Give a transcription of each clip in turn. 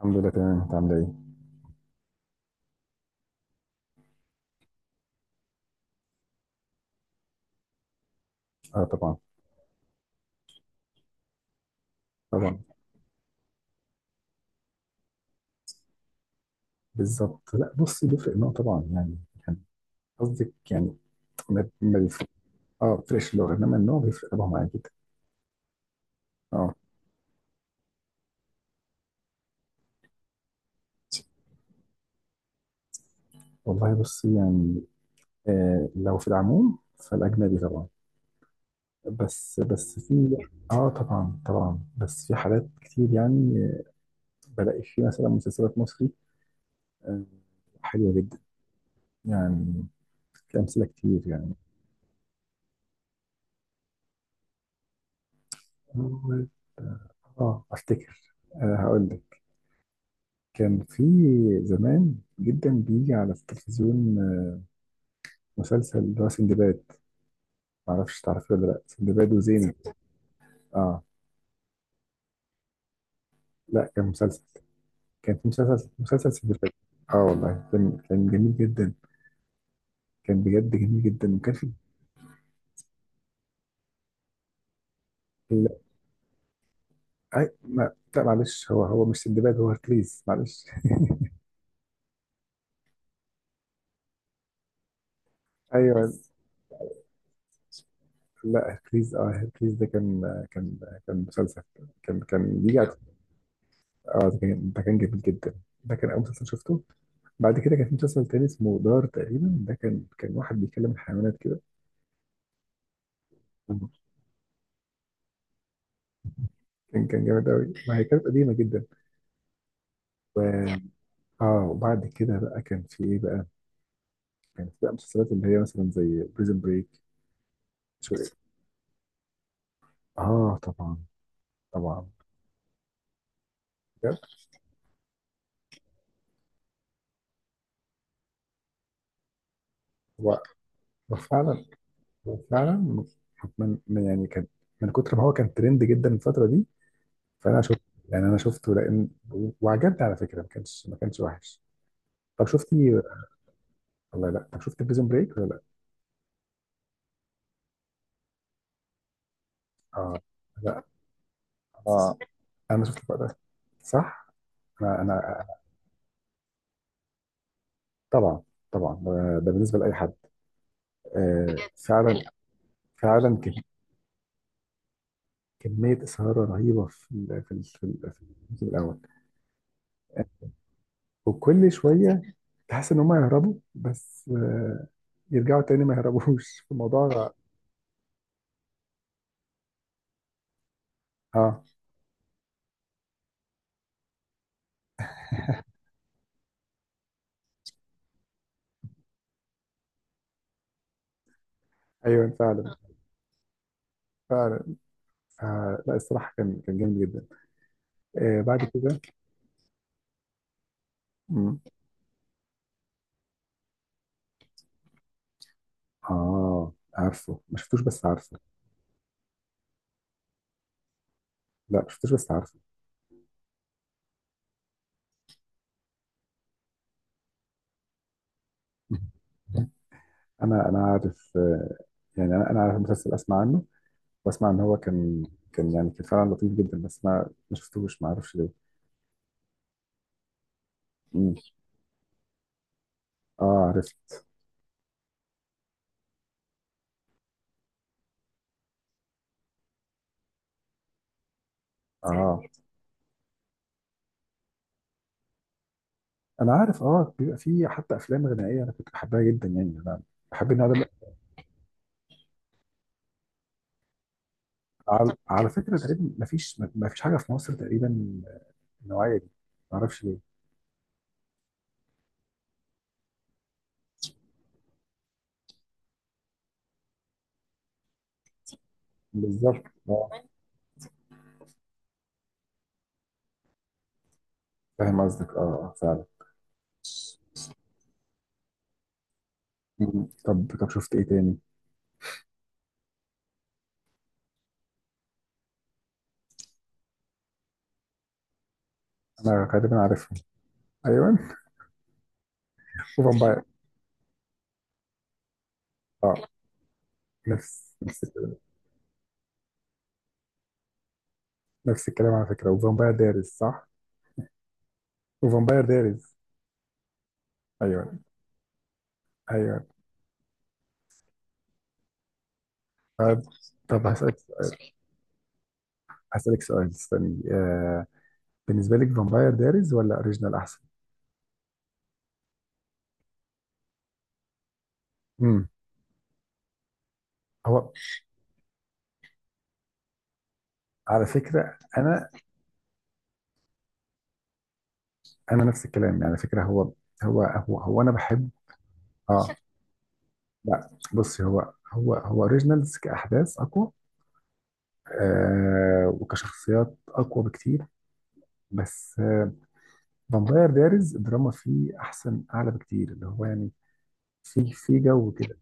الحمد لله، تمام. انت عامله ايه؟ اه، طبعا طبعا. بالظبط. لا، بص، بيفرق النوع طبعا يعني. كان قصدك يعني ما بيفرق. اه، بيفرقش اللغه، انما النوع بيفرق طبعا معايا جدا. اه والله بص يعني. لو في العموم فالاجنبي طبعا. بس في... اه طبعا طبعا، بس في حالات كتير يعني، بلاقي في مثلا مسلسلات مصري، آه حلوه جدا يعني. في امثله كتير يعني. اه افتكر، هقول لك. كان في زمان جدا بيجي على التلفزيون، مسلسل اللي هو سندباد. معرفش تعرفيه ولا لا. سندباد وزينة. اه. لا، كان مسلسل. كان في مسلسل سندباد. اه والله، كان جميل جدا. كان بجد جميل جدا، وكان في... لا، أي... ما... لا معلش، هو مش سندباد، هو هركليز، معلش. ايوه. لا، هركليز ده كان كان مسلسل. كان بيجي على... اه، ده كان جميل جدا. ده كان اول مسلسل شفته. بعد كده كان في مسلسل تاني اسمه دار تقريبا، ده كان واحد بيكلم الحيوانات كده. كان كان جامد قوي، ما هي كانت قديمه جدا. و... اه، وبعد كده بقى كان في ايه بقى. كان في بقى مسلسلات اللي هي مثلا زي بريزن بريك. شو. اه طبعا طبعا. بجد. هو هو فعلا، هو فعلا يعني كان من كتر ما هو كان ترند جدا الفتره دي، فانا شفت. يعني انا شفته، لان وعجبني على فكره، ما كانش وحش. طب شفتي. لا لا، طب شفت بريزون بريك ولا لا؟ اه. لا، اه، انا شفت الفرق ده، صح؟ انا طبعا طبعا، ده بالنسبه لاي حد. آه، فعلا فعلا. كميه اثاره رهيبه في الموسم الاول. وكل شويه تحس ان هم يهربوا، بس، يرجعوا تاني، ما يهربوش في الموضوع. اه ايوه، فعلا فعلا. آه لا، الصراحه كان جامد جدا. آه بعد كده. مم. اه، عارفه، ما شفتوش، بس عارفه. لا، ما شفتوش، بس عارفه. انا عارف، يعني انا عارف المسلسل، اسمع عنه واسمع ان هو كان... كان يعني كان فعلا لطيف جدا، بس انا ما شفتوش، ما اعرفش ليه. مم. اه، عرفت. اه، انا عارف، بيبقى فيه حتى افلام غنائيه، انا كنت بحبها جدا يعني. انا بحب النوع ده. على فكره تقريبا ما فيش حاجه في مصر تقريبا النوعيه دي. ما اعرفش ليه. بالظبط. اه، فاهم قصدك، فعلا. مم. طب شفت ايه تاني. انا غالبا عارفهم. ايوه. وفامباير. اه، نفس الكلام. نفس الكلام على فكرة. وفامباير دايريز صح؟ وفامباير دايريز. أيوه أيوه. طب طب هسألك سؤال. هسألك سؤال، استني. بالنسبة لك فامباير دايريز ولا أوريجينال أحسن؟ امم. هو على فكرة أنا، أنا نفس الكلام يعني على فكرة. هو هو أنا بحب. آه لا بصي، هو هو أوريجينالز كأحداث أقوى، آه، وكشخصيات أقوى بكتير. بس، فامباير دايريز الدراما فيه أحسن أعلى بكتير، اللي هو يعني في جو كده.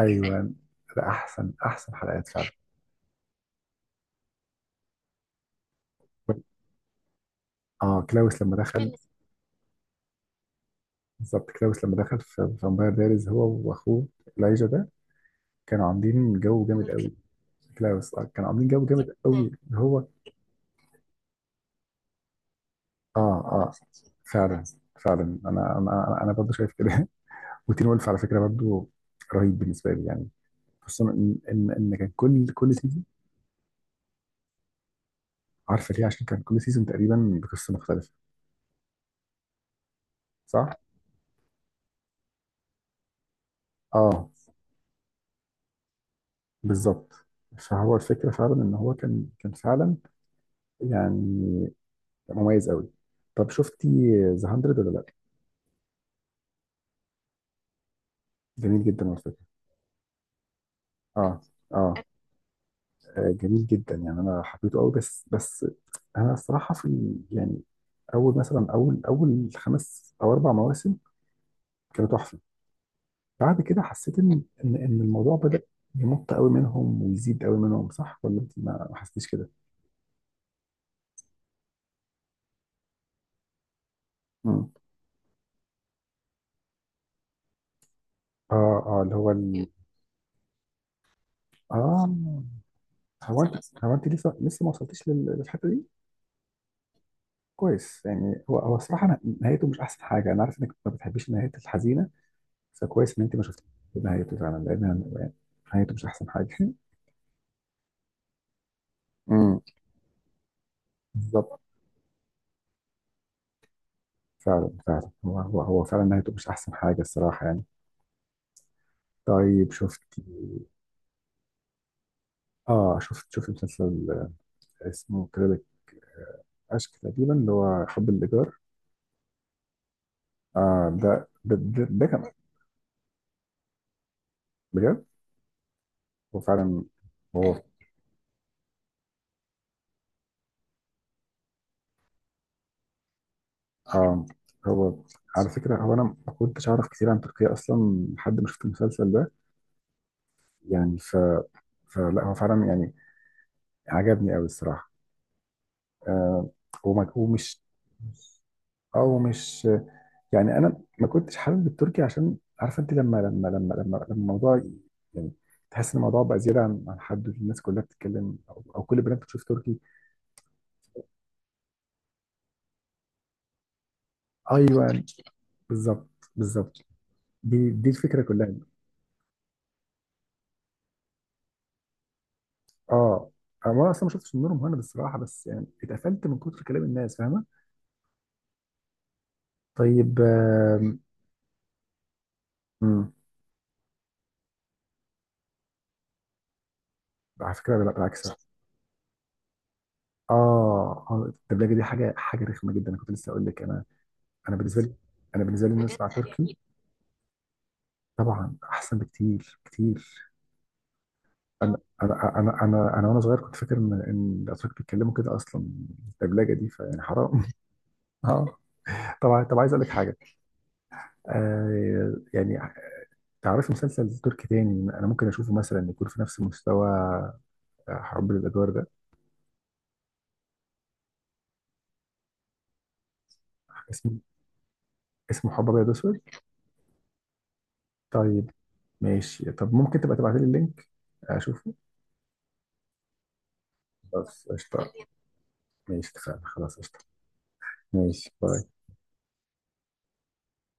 ايوه، ده احسن احسن حلقات فعلا. اه، كلاوس لما دخل. بالظبط، كلاوس لما دخل في فامباير دايريز، هو واخوه elijah ده، كانوا عاملين جو جامد قوي. كلاوس، كانوا عاملين جو جامد قوي هو. اه اه فعلا فعلا. انا برضه شايف كده. وتين وولف على فكره برضه رهيب بالنسبه لي يعني، خصوصا ان كان كل سيزون... عارفه ليه؟ عشان كان كل سيزون تقريبا بقصه مختلفه، صح؟ اه بالظبط. فهو الفكرة فعلا ان هو كان فعلا يعني مميز قوي. طب شفتي ذا 100 ولا لا؟ جميل جدا على فكرة. اه اه، جميل جدا يعني، انا حبيته قوي، بس انا الصراحة يعني اول مثلا اول خمس او اربع مواسم كانوا تحفة. بعد كده حسيت ان، إن الموضوع بدأ يمط قوي منهم ويزيد قوي منهم. صح ولا انت ما حسيتيش كده؟ امم. اه اه، اللي هو. اه، هو انت لسه ما وصلتيش للحته دي. كويس، يعني هو الصراحه، نهايته مش احسن حاجه، انا عارف انك ما بتحبيش النهايات الحزينه، فكويس ان انت ما شفتيش نهايته، فعلا لان. يعني نهايته مش احسن حاجه امم. بالظبط. فعلا فعلا، هو فعلا نهايته مش احسن حاجه الصراحه يعني. طيب شفت. اه، شفت مسلسل، اسمه كريدت اشك تقريبا، اللي هو حب الايجار. آه، ده كان... بجد. هو فعلا. هو آه هو على فكرة، هو أنا ما كنتش أعرف كتير عن تركيا أصلا لحد ما شفت المسلسل ده. يعني. فلا هو فعلا يعني عجبني أوي الصراحة. آه ومش... أو مش يعني أنا ما كنتش حابب التركي، عشان عارفة، أنت لما الموضوع يعني تحس إن الموضوع بقى زيادة عن حد، الناس كلها بتتكلم، أو كل البنات بتشوف تركي. أيوه بالظبط بالظبط، دي الفكرة كلها. اه، انا اصلا ما شفتش النور مهند الصراحه، بس يعني اتقفلت من كتر كلام الناس، فاهمه. طيب. مم. على فكره لا، بالعكس. اه، الدبلجه دي حاجه رخمه جدا. انا كنت لسه اقول لك، انا، انا بالنسبه لي انا بالنسبه لي ان أنا اسمع تركي، طبعا احسن بكتير كتير. انا وانا صغير كنت فاكر ان ان الاتراك بيتكلموا كده اصلا. الدبلجه دي فيعني حرام اه طبعا. طب عايز اقول لك حاجه، يعني تعرفي مسلسل تركي تاني انا ممكن اشوفه مثلا يكون في نفس مستوى حب الادوار ده. اسمه اسمه حب ابيض اسود. طيب، ماشي. طب ممكن تبقى تبعت لي اللينك اشوفه. خلاص قشطه. ماشي، اتفقنا. خلاص قشطه. ماشي، باي.